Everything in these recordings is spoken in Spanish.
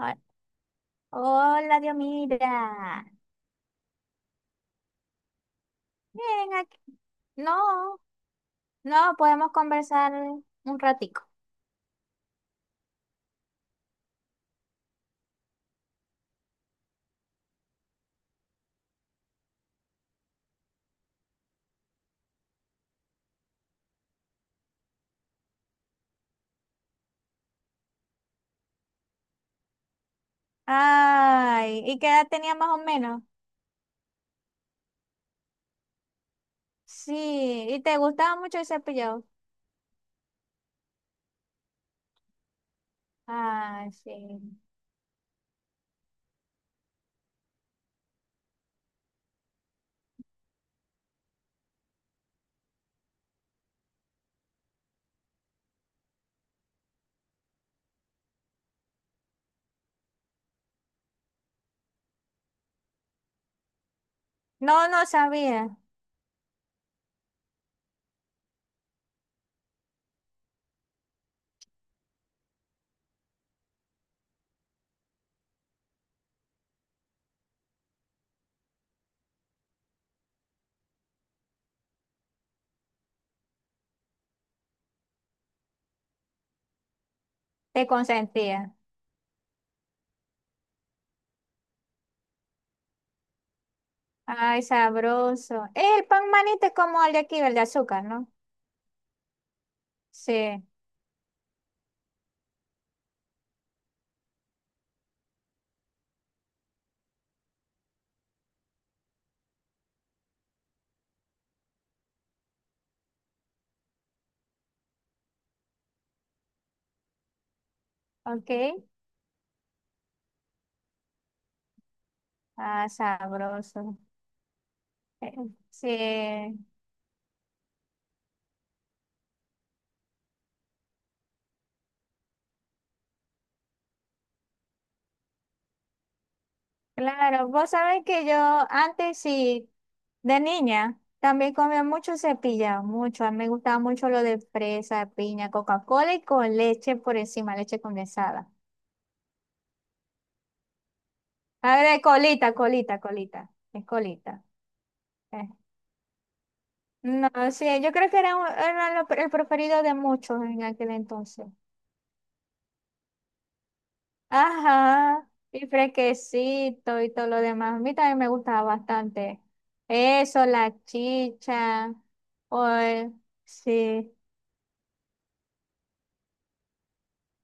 Ho- Hola, Dios, mira. Bien, aquí. No, no, podemos conversar un ratico. Ay, ¿y qué edad tenía más o menos? Sí, ¿y te gustaba mucho el cepillado? Ay, sí. No, no sabía. Te consentía. Ay, sabroso. El pan manito es como el de aquí, el de azúcar, ¿no? Sí, ok. Ah, sabroso. Eh, Sí, claro, vos sabés que yo antes sí, de niña, también comía mucho cepillado, mucho. A mí me gustaba mucho lo de fresa, piña, Coca-Cola y con leche por encima, leche condensada. A ver, colita, colita, colita, es colita. Eh. No, sí, yo creo que era, era el preferido de muchos en aquel entonces. Ajá, y fresquecito y todo lo demás. A mí también me gustaba bastante. Eso, la chicha, o sí.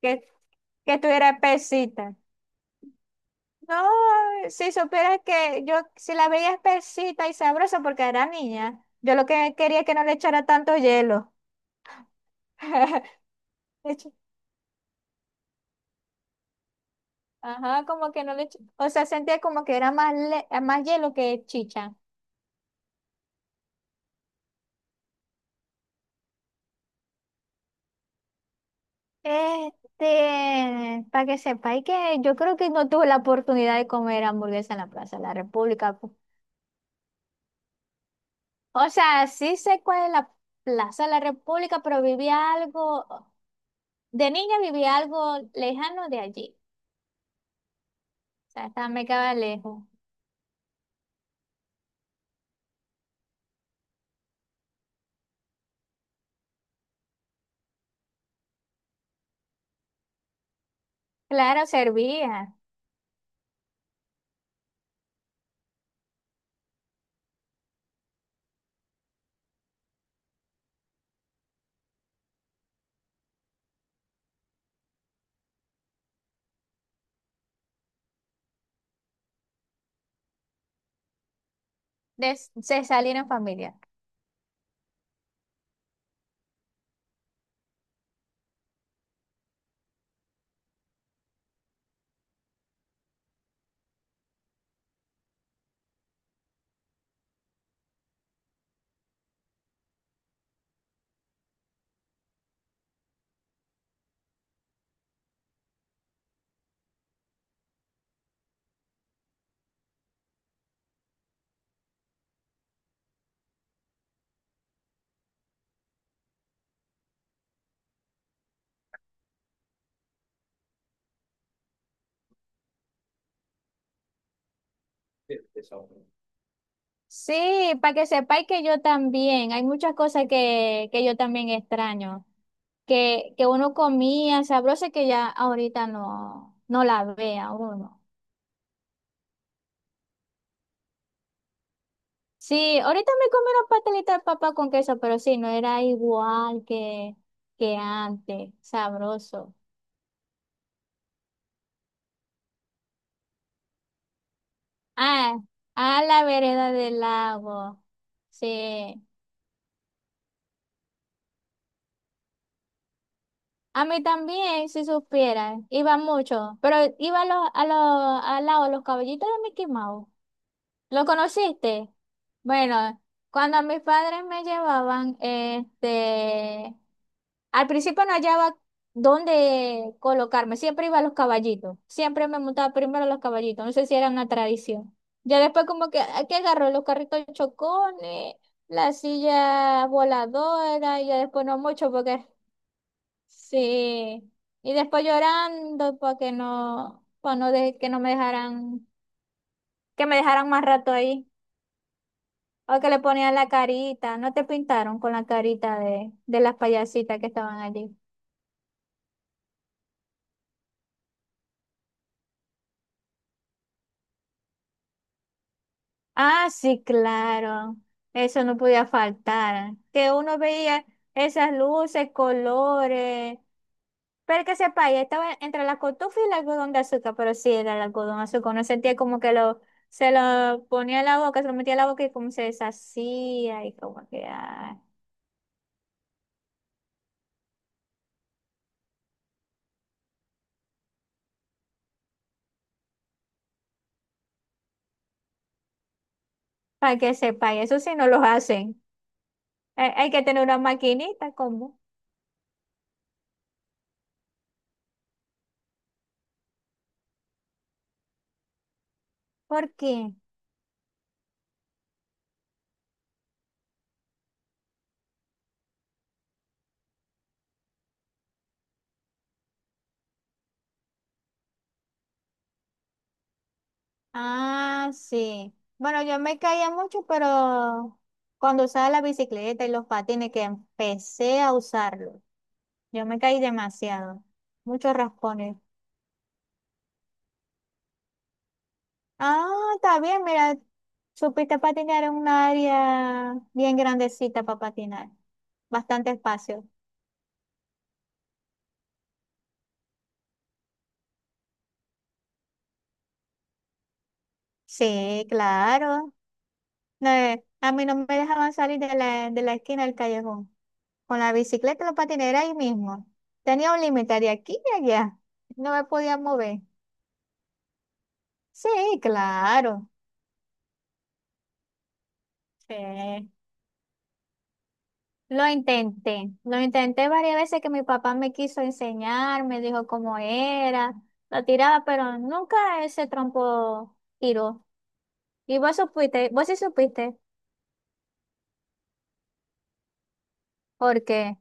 que, que estuviera espesita. No, si supieras que yo, si la veía espesita y sabrosa porque era niña, yo lo que quería es que no le echara tanto hielo. Le eché- Ajá, como que no le o sea, sentía como que era más, más hielo que chicha. Este, para que sepáis que yo creo que no tuve la oportunidad de comer hamburguesa en la Plaza de la República. Pues. O sea, sí sé cuál es la Plaza de la República, pero viví algo. De niña vivía algo lejano de allí, o sea, estaba, me quedaba lejos. Claro, servía, de, se salir en familia. Sí, para que sepáis que yo también, hay muchas cosas que yo también extraño, que uno comía sabroso y que ya ahorita no, no la vea uno. Sí, ahorita me comí unos pastelitos de papa con queso, pero sí, no era igual que antes, sabroso. Ah, a la vereda del lago. Sí. A mí también, si supieran, iba mucho, pero iba a los, al lado de los caballitos de Mickey Mouse. ¿Lo conociste? Bueno, cuando mis padres me llevaban, al principio no hallaba dónde colocarme, siempre iba a los caballitos, siempre me montaba primero a los caballitos, no sé si era una tradición. Ya después como que, aquí agarró los carritos chocones, la silla voladora, y ya después no mucho porque sí, y después llorando para que no, para no que no me dejaran, que me dejaran más rato ahí. O que le ponían la carita, ¿no te pintaron con la carita de las payasitas que estaban allí? Ah, sí, claro, eso no podía faltar, que uno veía esas luces, colores, pero que sepa, ya estaba entre la cotufa y el algodón de azúcar, pero sí era el algodón de azúcar, uno sentía como que lo, se lo ponía en la boca, se lo metía en la boca y como se deshacía y como que, ay, para que sepa, y eso sí no los hacen, hay que tener una maquinita, ¿cómo? ¿Por qué? Ah, sí. Bueno, yo me caía mucho, pero cuando usaba la bicicleta y los patines, que empecé a usarlo, yo me caí demasiado. Muchos raspones. Ah, está bien, mira, supiste patinar en un área bien grandecita para patinar. Bastante espacio. Sí, claro. No, a mí no me dejaban salir de la esquina del callejón. Con la bicicleta y los patines era ahí mismo. Tenía un límite de aquí y allá. No me podía mover. Sí, claro. Sí. Lo intenté varias veces que mi papá me quiso enseñar, me dijo cómo era, la tiraba, pero nunca ese trompo tiró. Y vos supiste, vos sí supiste, porque,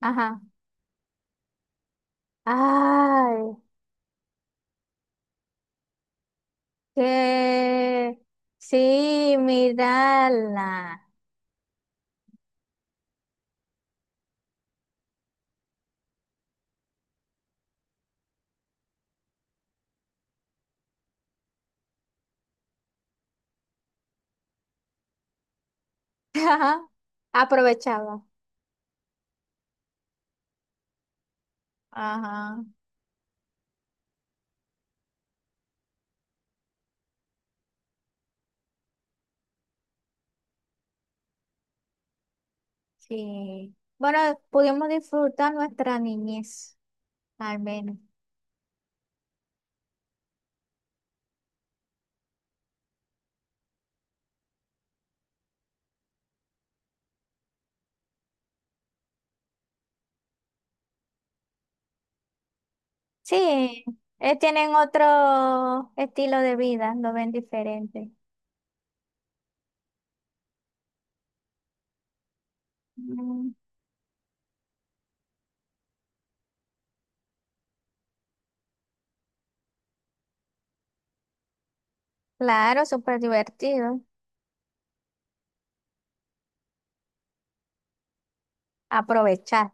ajá, ay, que sí, mirala. Ajá, aprovechaba, ajá, sí. Bueno, pudimos disfrutar nuestra niñez, al menos. Sí, tienen otro estilo de vida, lo ven diferente. Mm, claro, súper divertido. Aprovechar.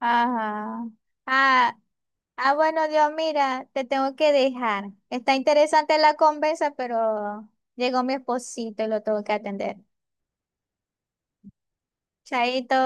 Ajá. Ah, ah, bueno, Dios, mira, te tengo que dejar. Está interesante la conversa, pero llegó mi esposito y lo tengo que atender. Chaito.